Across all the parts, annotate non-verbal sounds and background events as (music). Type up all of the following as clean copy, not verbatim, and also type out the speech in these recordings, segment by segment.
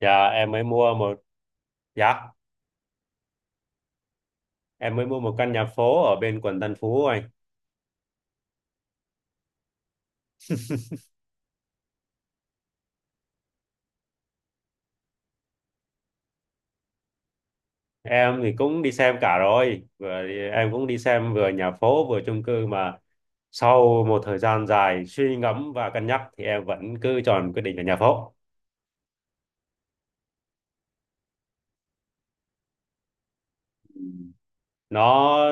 Dạ em mới mua một dạ em mới mua một căn nhà phố ở bên quận Tân Phú anh. Em thì cũng đi xem cả rồi, em cũng đi xem vừa nhà phố vừa chung cư, mà sau một thời gian dài suy ngẫm và cân nhắc thì em vẫn cứ chọn quyết định là nhà phố. Nó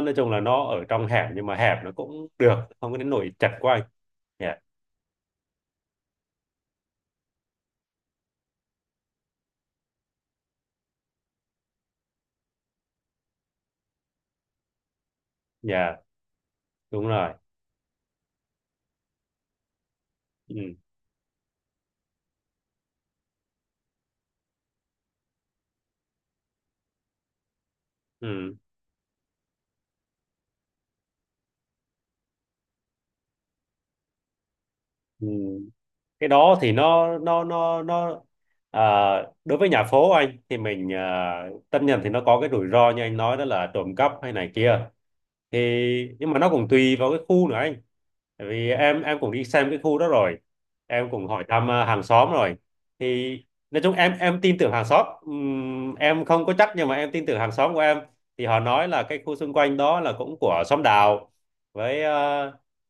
nói chung là nó ở trong hẻm nhưng mà hẹp, nó cũng được, không có đến nỗi chật quá anh. Dạ, dạ, đúng rồi. Ừ, ừ, ừ. Cái đó thì nó à, đối với nhà phố anh thì mình, tất nhiên thì nó có cái rủi ro như anh nói, đó là trộm cắp hay này kia thì, nhưng mà nó cũng tùy vào cái khu nữa anh. Tại vì em cũng đi xem cái khu đó rồi, em cũng hỏi thăm hàng xóm rồi, thì nói chung em tin tưởng hàng xóm. Em không có chắc nhưng mà em tin tưởng hàng xóm của em, thì họ nói là cái khu xung quanh đó là cũng của xóm đạo, với ờ,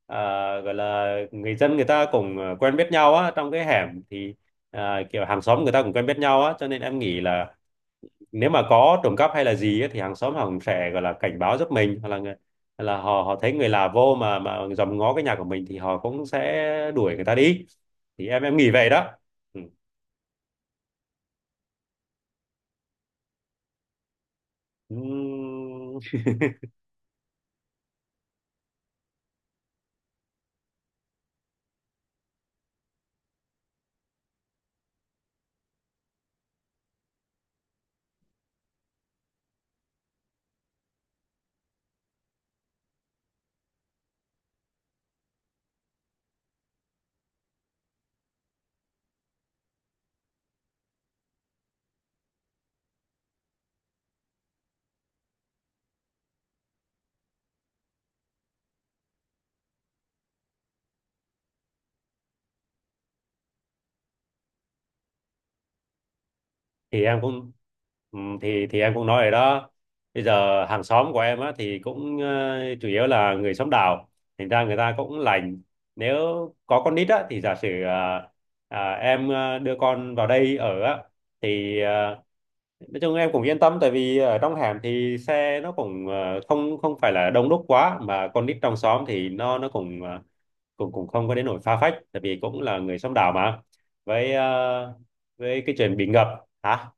ờ, gọi là người dân người ta cũng quen biết nhau á trong cái hẻm, thì kiểu hàng xóm người ta cũng quen biết nhau á, cho nên em nghĩ là nếu mà có trộm cắp hay là gì á, thì hàng xóm họ cũng sẽ gọi là cảnh báo giúp mình, hoặc là hoặc là họ họ thấy người lạ vô mà dòm ngó cái nhà của mình thì họ cũng sẽ đuổi người ta đi. Thì em nghĩ vậy đó. Ừ. Ừm. thì em cũng Ừ, thì em cũng nói rồi đó. Bây giờ hàng xóm của em á thì cũng chủ yếu là người xóm đảo, thành ra người ta cũng lành. Nếu có con nít á thì giả sử em đưa con vào đây ở á thì nói chung em cũng yên tâm, tại vì ở trong hẻm thì xe nó cũng không không phải là đông đúc quá, mà con nít trong xóm thì nó cũng cũng cũng không có đến nỗi phá phách, tại vì cũng là người xóm đảo mà. Với ờ, với cái chuyện bị ngập. Hả?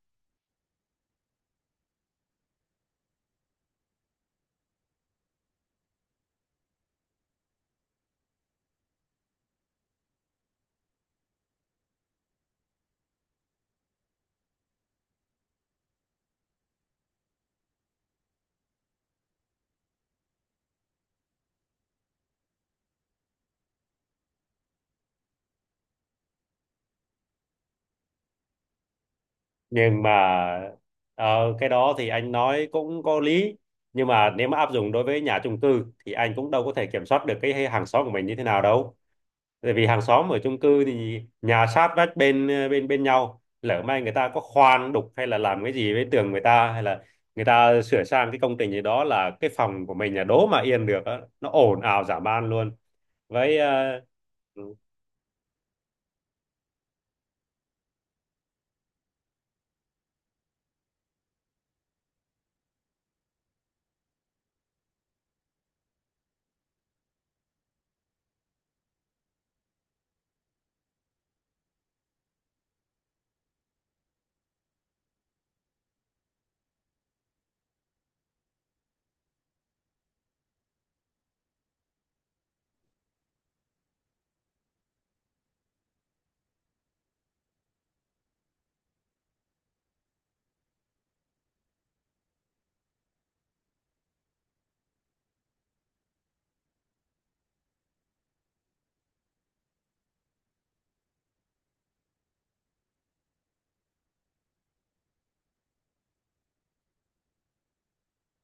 Nhưng mà ờ, cái đó thì anh nói cũng có lý, nhưng mà nếu mà áp dụng đối với nhà chung cư thì anh cũng đâu có thể kiểm soát được cái hàng xóm của mình như thế nào đâu. Tại vì hàng xóm ở chung cư thì nhà sát vách bên bên bên nhau, lỡ may người ta có khoan đục hay là làm cái gì với tường người ta, hay là người ta sửa sang cái công trình gì đó là cái phòng của mình là đố mà yên được á, nó ồn ào dã man luôn. với ờ, ừ,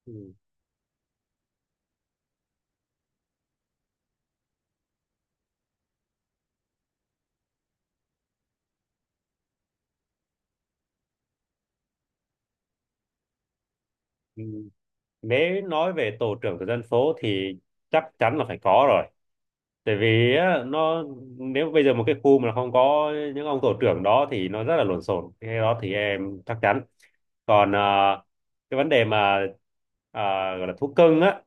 ừ, ừ. Nếu nói về tổ trưởng của dân phố thì chắc chắn là phải có rồi, tại vì á, nếu bây giờ một cái khu mà không có những ông tổ trưởng đó thì nó rất là lộn xộn, cái đó thì em chắc chắn. Còn cái vấn đề mà ờ, gọi là thú cưng á,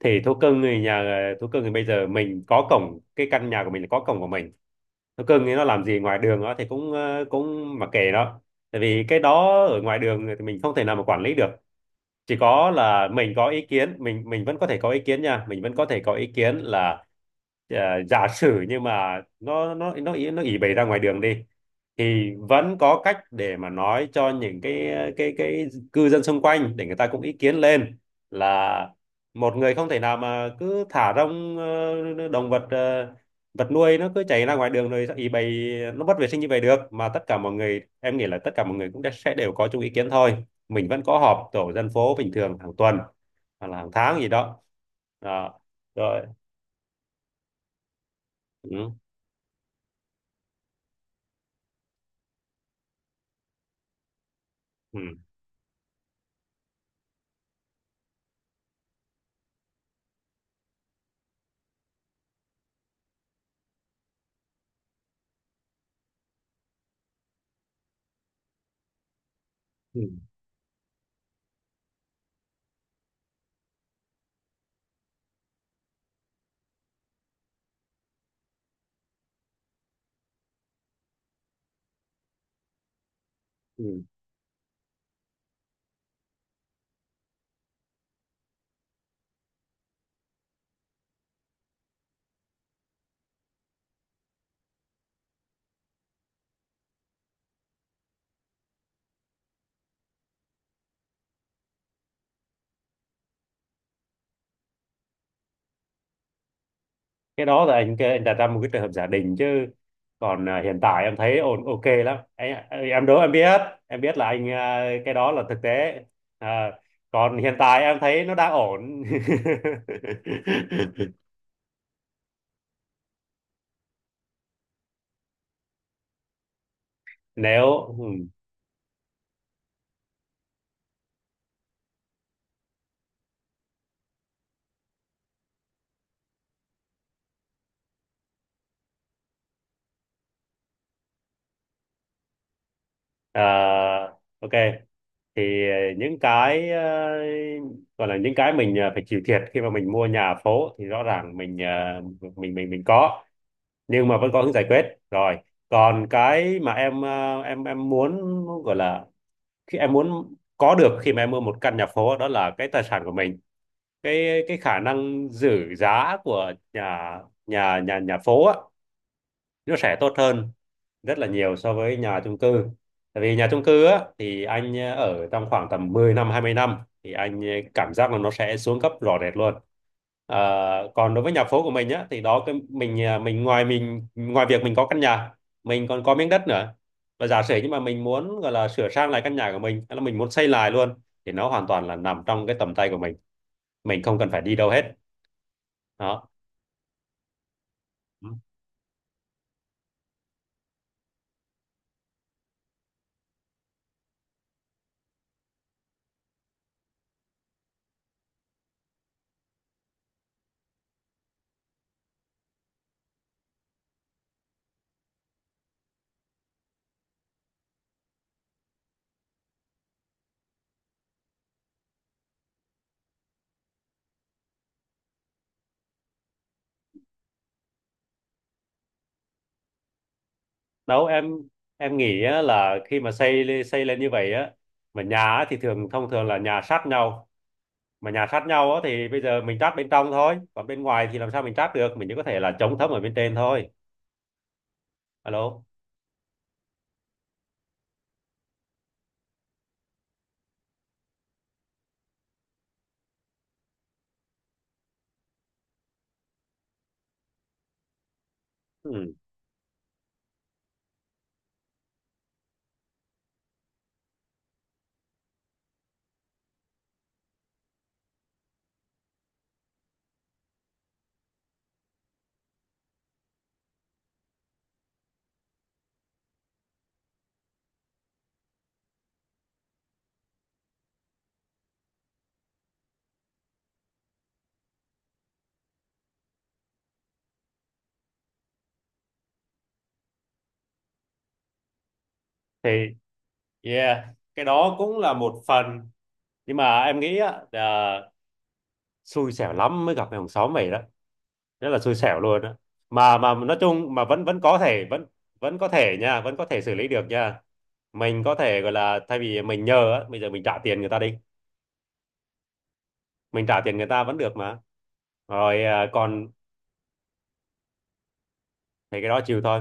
thì thú cưng thì bây giờ mình có cổng, cái căn nhà của mình là có cổng của mình, thú cưng thì nó làm gì ngoài đường đó thì cũng cũng mặc kệ nó, tại vì cái đó ở ngoài đường thì mình không thể nào mà quản lý được, chỉ có là mình có ý kiến, mình vẫn có thể có ý kiến nha, mình vẫn có thể có ý kiến là ờ, giả sử nhưng mà nó ý nó ỉ bày ra ngoài đường đi, thì vẫn có cách để mà nói cho những cái cư dân xung quanh để người ta cũng ý kiến lên, là một người không thể nào mà cứ thả rông vật nuôi nó cứ chạy ra ngoài đường rồi ý bày, nó mất vệ sinh như vậy được, mà tất cả mọi người, em nghĩ là tất cả mọi người cũng sẽ đều có chung ý kiến thôi. Mình vẫn có họp tổ dân phố bình thường hàng tuần hoặc là hàng tháng gì đó. Đó rồi. Ừ. Ừ. Ừ. Ừ. Cái đó là anh kêu, anh đặt ra một cái trường hợp giả định chứ còn hiện tại em thấy ổn, ok lắm anh, em đố em biết. Em biết là anh, cái đó là thực tế. à, Còn hiện tại em thấy nó đang ổn. (laughs) nếu ừ, à, ok. Thì những cái, gọi là những cái mình, phải chịu thiệt khi mà mình mua nhà phố thì rõ ràng mình, mình có, nhưng mà vẫn có hướng giải quyết rồi. Còn cái mà em em muốn gọi là, khi em muốn có được khi mà em mua một căn nhà phố đó, là cái tài sản của mình. Cái khả năng giữ giá của nhà, nhà phố á, nó sẽ tốt hơn rất là nhiều so với nhà chung cư. Tại vì nhà chung cư á thì anh ở trong khoảng tầm 10 năm, 20 năm thì anh cảm giác là nó sẽ xuống cấp rõ rệt luôn. Còn đối với nhà phố của mình á thì đó, cái mình mình ngoài việc mình có căn nhà, mình còn có miếng đất nữa, và giả sử như mà mình muốn gọi là sửa sang lại căn nhà của mình hay là mình muốn xây lại luôn thì nó hoàn toàn là nằm trong cái tầm tay của mình không cần phải đi đâu hết đó. Đâu em nghĩ á, là khi mà xây xây lên như vậy á, mà nhà á, thì thông thường là nhà sát nhau, mà nhà sát nhau á, thì bây giờ mình trát bên trong thôi, còn bên ngoài thì làm sao mình trát được, mình chỉ có thể là chống thấm ở bên trên thôi. Alo. Ừ. Thì yeah, cái đó cũng là một phần, nhưng mà em nghĩ á là xui xẻo lắm mới gặp cái hàng xóm mày đó, rất là xui xẻo luôn á. Mà nói chung mà vẫn vẫn có thể, vẫn vẫn có thể nha, vẫn có thể xử lý được nha. Mình có thể gọi là, thay vì mình nhờ á, bây giờ mình trả tiền người ta đi, mình trả tiền người ta vẫn được mà. Rồi còn thì cái đó chịu thôi.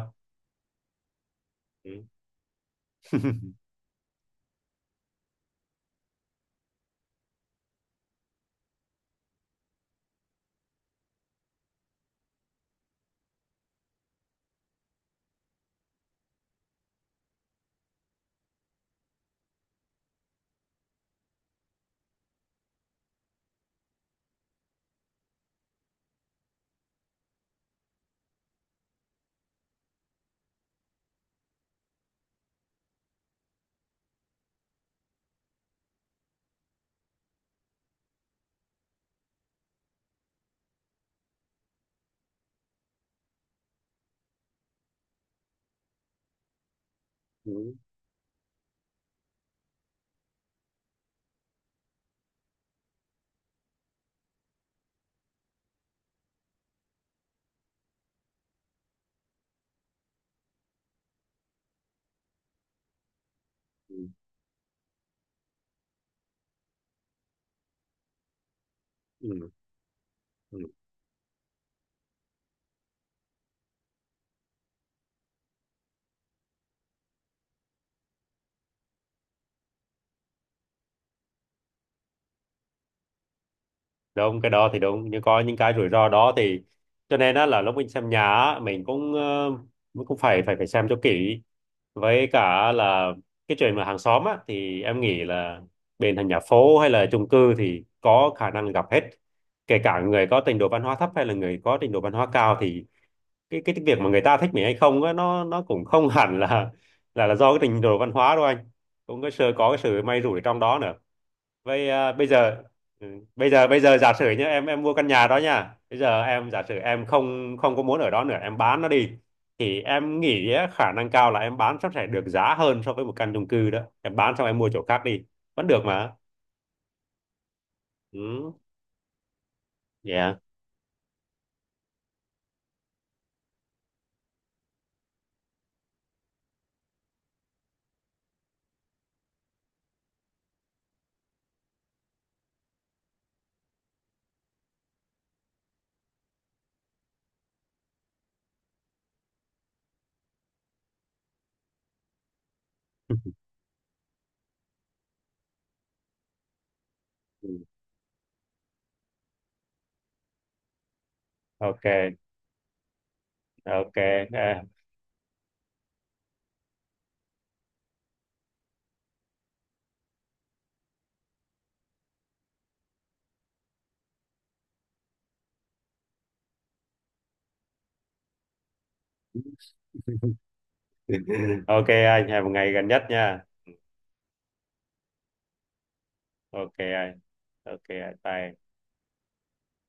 Ừ. Ừ. Ừ. Ừ. Ừ. Đúng, cái đó thì đúng, nhưng có những cái rủi ro đó, thì cho nên á là lúc mình xem nhà á, mình cũng mình cũng phải phải phải xem cho kỹ. Với cả là cái chuyện mà hàng xóm á thì em nghĩ là bên thành nhà phố hay là chung cư thì có khả năng gặp hết, kể cả người có trình độ văn hóa thấp hay là người có trình độ văn hóa cao, thì cái việc mà người ta thích mình hay không á, nó cũng không (laughs) hẳn là là do cái trình độ văn hóa đâu anh, cũng có cái sự may rủi trong đó nữa. Vậy bây giờ, ừ, bây giờ, giả sử nhá, em mua căn nhà đó nha, bây giờ em giả sử em không không có muốn ở đó nữa, em bán nó đi thì em nghĩ á, khả năng cao là em bán sẽ phải được giá hơn so với một căn chung cư đó, em bán xong em mua chỗ khác đi vẫn được mà. Ừ. Yeah. Ừ. (laughs) Ok. Ok. À. (laughs) Ok anh, hẹn một ngày gần nhất nha. Ok anh. Ok anh, bye.